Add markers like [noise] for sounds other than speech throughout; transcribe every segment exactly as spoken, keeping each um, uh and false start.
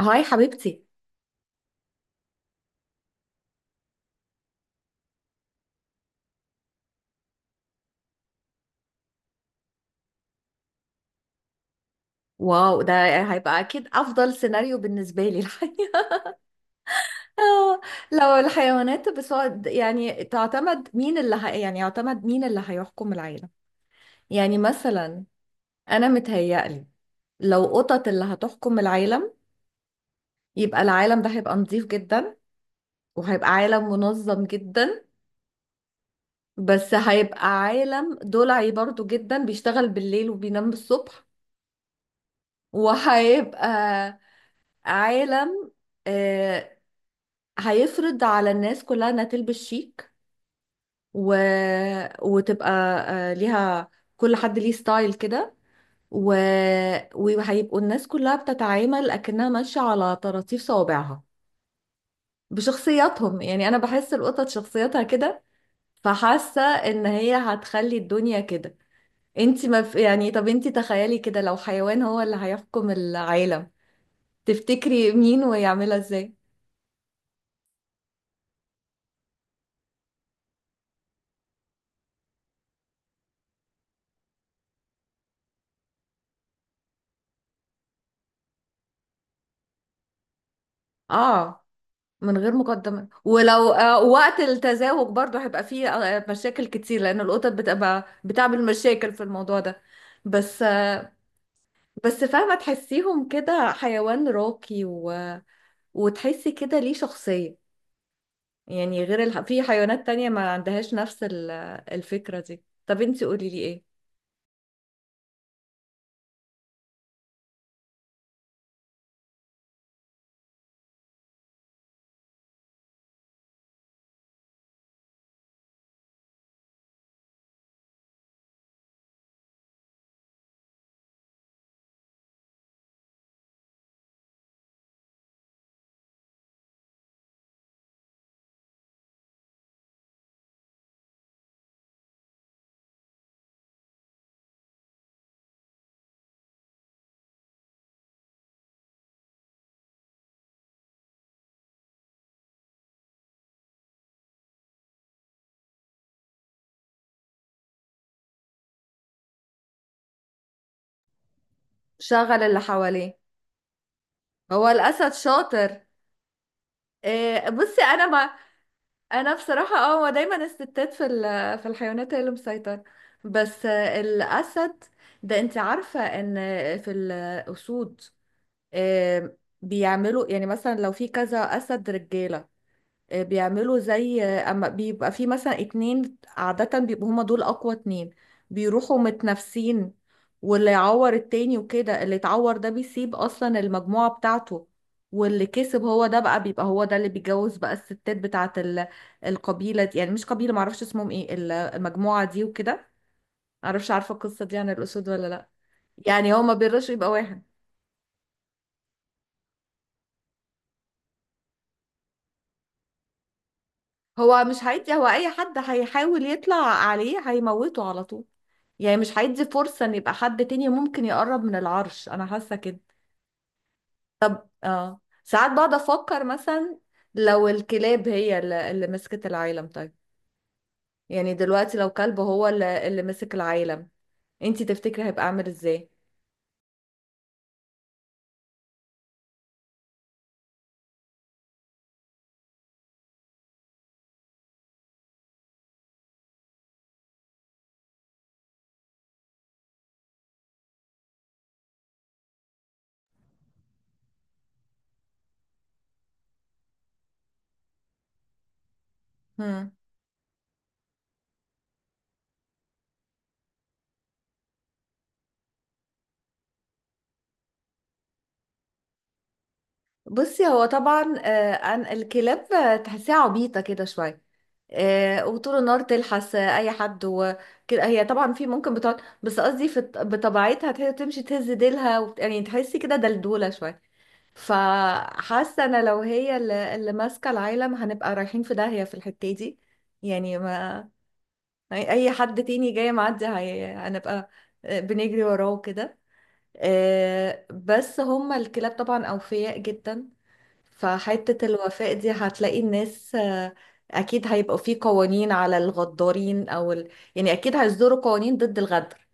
هاي حبيبتي. واو، ده هيبقى اكيد افضل سيناريو بالنسبه لي. [laughs] الحقيقه، آه، لو الحيوانات، بس هو يعني تعتمد مين اللي ه... يعني يعتمد مين اللي هيحكم العالم. يعني مثلا انا متهيألي، لو قطط اللي هتحكم العالم، يبقى العالم ده هيبقى نظيف جدا، وهيبقى عالم منظم جدا. بس هيبقى عالم دلعي برضو جدا، بيشتغل بالليل وبينام الصبح. وهيبقى عالم، آه، هيفرض على الناس كلها انها تلبس شيك، و... وتبقى آه، ليها، كل حد ليه ستايل كده، و... وهيبقوا الناس كلها بتتعامل اكنها ماشية على طراطيف صوابعها بشخصياتهم. يعني انا بحس القطط شخصياتها كده، فحاسة ان هي هتخلي الدنيا كده. انت ما في... يعني طب انت تخيلي كده، لو حيوان هو اللي هيحكم العالم، تفتكري مين ويعملها ازاي؟ اه، من غير مقدمات. ولو آه، وقت التزاوج برضو هيبقى فيه آه، مشاكل كتير، لأن القطط بتبقى بتعمل مشاكل في الموضوع ده. بس آه، بس فاهمة تحسيهم كده حيوان راقي، و... وتحسي كده ليه شخصية. يعني غير الح... في حيوانات تانية ما عندهاش نفس ال- الفكرة دي. طب انتي قولي لي ايه؟ شغل اللي حواليه. هو الأسد شاطر. إيه، بصي، أنا ما انا بصراحه، اه، هو دايما الستات في ال- في الحيوانات هي اللي مسيطره. بس آه، الاسد ده، انت عارفه ان في الاسود آه، بيعملوا، يعني مثلا لو في كذا اسد رجاله، آه، بيعملوا زي، آه، اما بيبقى في مثلا اتنين، عادة بيبقوا هما دول اقوى اتنين. بيروحوا متنافسين، واللي يعور التاني وكده، اللي اتعور ده بيسيب اصلا المجموعة بتاعته. واللي كسب هو ده بقى، بيبقى هو ده اللي بيجوز بقى الستات بتاعت ال- القبيلة دي. يعني مش قبيلة، معرفش اسمهم ايه ال- المجموعة دي وكده. معرفش، عارفة القصة دي عن الأسود ولا لأ؟ يعني هو ما بيرضاش يبقى واحد. هو مش هيدي، هو أي حد هيحاول يطلع عليه هيموته على طول. يعني مش هيدي فرصة ان يبقى حد تاني ممكن يقرب من العرش، انا حاسة كده. اه، ساعات بقعد افكر، مثلا لو الكلاب هي اللي اللي مسكت العالم، طيب. يعني دلوقتي لو كلب هو اللي, اللي مسك العالم، انتي تفتكري هيبقى عامل ازاي؟ هم. بصي، هو طبعا آه عن الكلاب، آه، تحسيها عبيطة كده شوية. آه، وطول النهار تلحس آه، اي حد وكده. هي طبعا في ممكن بتقعد، بس قصدي في بطبيعتها تهي- تمشي تهز ديلها وبت... يعني تحسي كده دلدولة شوية. فحاسه، انا لو هي اللي, اللي ماسكه العالم، هنبقى رايحين في داهيه في الحته دي. يعني ما اي أي حد تاني جاي معدي، هي- هنبقى بنجري وراه كده. بس هما الكلاب طبعا اوفياء جدا، فحته الوفاء دي، هتلاقي الناس آه، اكيد هيبقوا في قوانين على الغدارين او ال... يعني اكيد هيصدروا قوانين ضد الغدر.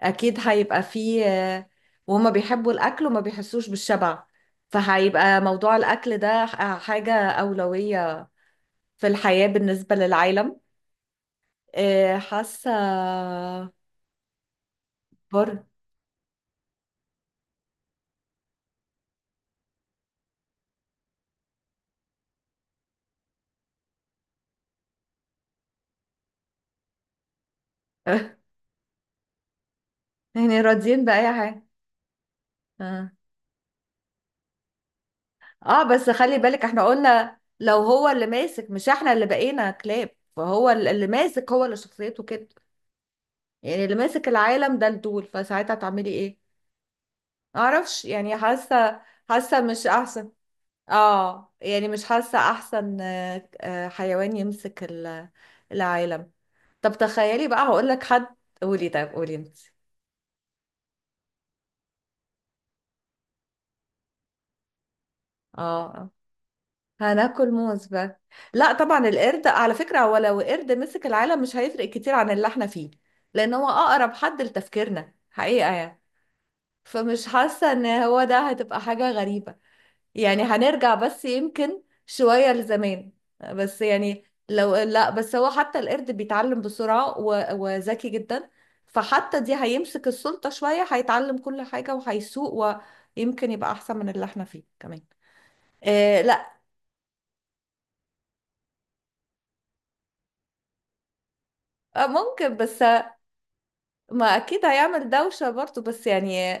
اكيد هيبقى فيه آه، وهما بيحبوا الاكل وما بيحسوش بالشبع، فهيبقى موضوع الاكل ده ح- حاجة اولوية في الحياة بالنسبة للعالم. آه، حاسة. بر [laughs] يعني راضيين بأي حاجة. اه، آه، بس خلي بالك، احنا قلنا لو هو اللي ماسك، مش احنا اللي بقينا كلاب. فهو ال- اللي ماسك هو اللي شخصيته كده. يعني اللي ماسك العالم ده الدول، فساعتها تعملي ايه؟ معرفش، يعني حاسة. حاسة مش احسن. اه، يعني مش حاسة احسن آه، آه، حيوان يمسك ال- العالم. طب تخيلي بقى، هقول لك حد. قولي، طيب قولي انت. اه، آه. هناكل موز بقى. لا طبعا القرد، على فكرة، هو لو قرد مسك العالم مش هيفرق كتير عن اللي احنا فيه، لان هو اقرب حد لتفكيرنا حقيقة. يعني فمش حاسة ان هو ده هتبقى حاجة غريبة. يعني هنرجع بس يمكن شوية لزمان. بس يعني، لو لا، بس هو حتى القرد بيتعلم بسرعة، و- وذكي جدا. فحتى دي، هيمسك السلطة شوية هيتعلم كل حاجة وهيسوق، ويمكن يبقى أحسن من اللي احنا فيه كمان. آه لا، آه، ممكن. بس ما اكيد هيعمل دوشة برضه، بس يعني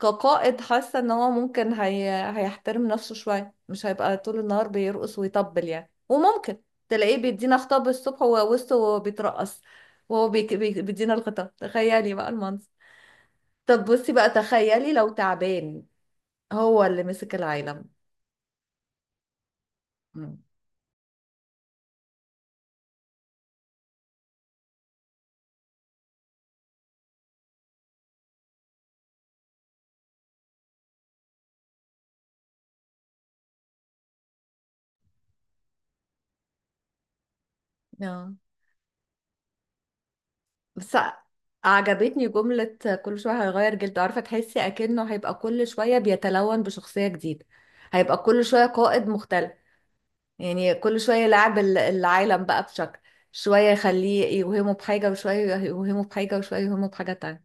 كقائد، حاسة ان هو ممكن هي... هيحترم نفسه شوية، مش هيبقى طول النهار بيرقص ويطبل يعني. وممكن تلاقيه بيدينا خطاب الصبح وهو وسطه وهو بيترقص، وهو بيك... بي... بيدينا الخطاب. تخيلي بقى المنظر. طب بصي بقى، تخيلي لو تعبان هو اللي مسك العالم. مم. اه، بس عجبتني جملة: كل شوية هيغير جلده. عارفة، تحسي أكنه هيبقى كل شوية بيتلون بشخصية جديدة، هيبقى كل شوية قائد مختلف. يعني كل شوية يلعب ال- العالم بقى بشكل. شوية يخليه يوهمه بحاجة، وشوية يوهمه بحاجة، وشوية يوهمه بحاجة تانية.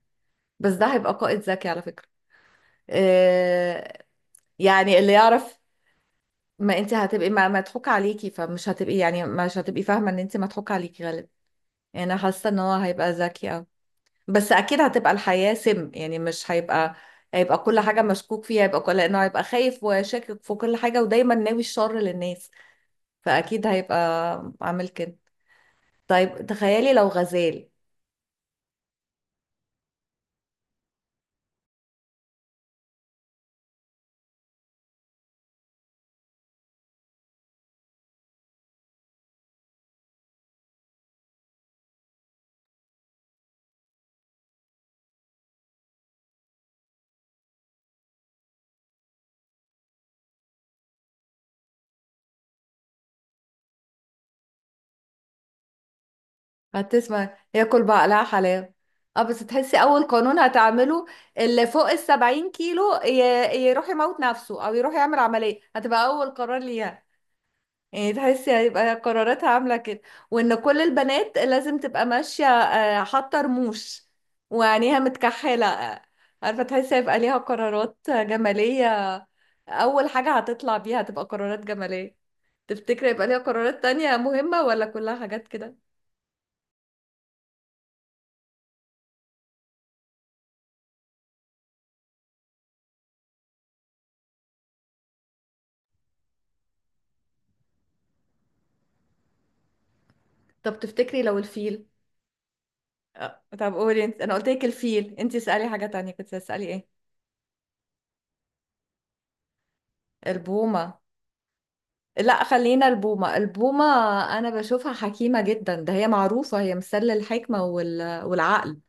بس ده هيبقى قائد ذكي على فكرة. آه، يعني اللي يعرف. ما انت هتبقي ما مضحوك عليكي، فمش هتبقي يعني مش هتبقي فاهمة ان انت مضحوك عليكي غالبا. يعني انا حاسة ان هو هيبقى ذكي أوي. بس اكيد هتبقى الحياة سم. يعني مش هيبقى، هيبقى كل حاجة مشكوك فيها. هيبقى كل، لانه هيبقى خايف وشاكك في كل حاجة ودايما ناوي الشر للناس. فاكيد هيبقى عامل كده. طيب تخيلي لو غزال. هتسمع ياكل بقى، لا حلاوة. اه، بس تحسي اول قانون هتعمله: اللي فوق السبعين كيلو ي- يروح يموت نفسه او يروح يعمل عملية. هتبقى اول قرار ليها. يعني تحسي هيبقى قراراتها عاملة كده. وان كل البنات لازم تبقى ماشية، آه، حاطة رموش وعينيها متكحلة. آه، عارفة، تحسي هيبقى ليها قرارات جمالية. أول حاجة هتطلع بيها هتبقى قرارات جمالية. تفتكري يبقى ليها قرارات تانية مهمة، ولا كلها حاجات كده؟ طب تفتكري لو الفيل؟ آه، طب قولي انت. انا قلت لك الفيل، انت اسألي حاجة تانية، كنت هتسألي ايه؟ البومة. لا خلينا البومة. البومة، أنا بشوفها حكيمة جدا. ده هي معروفة، هي مثل الحكمة وال... والعقل.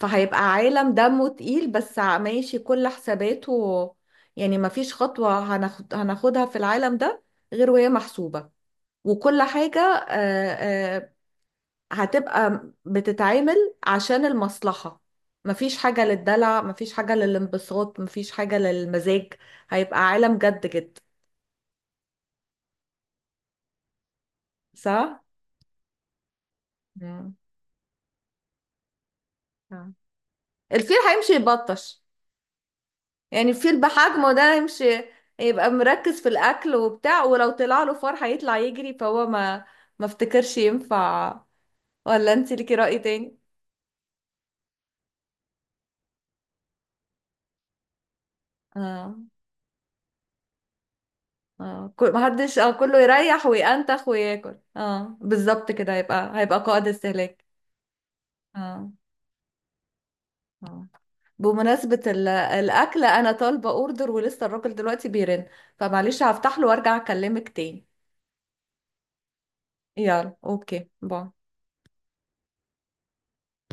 فهيبقى عالم دمه تقيل، بس ع- ماشي كل حساباته. يعني مفيش خطوة هناخد... هناخدها في العالم ده غير وهي محسوبة، وكل حاجة آه، آه، هتبقى بتتعامل عشان المصلحة. مفيش حاجة للدلع، مفيش حاجة للانبساط، مفيش حاجة للمزاج. هيبقى عالم جد جد. صح؟ مم. الفيل هيمشي يبطش. يعني الفيل بحجمه ده، هيمشي يبقى مركز في الاكل وبتاع، ولو طلع له فار هيطلع يجري. فهو ما، ما افتكرش ينفع. ولا انت ليكي رأي تاني؟ اه، اه، كل- ما حدش، اه كله يريح وينتخ وياكل. اه بالظبط كده، هيبقى هيبقى قائد استهلاك. اه، اه، بمناسبة ال- الأكل، أنا طالبة أوردر ولسه الراجل دلوقتي بيرن. فمعلش هفتح له وأرجع أكلمك تاني. يلا أوكي باي.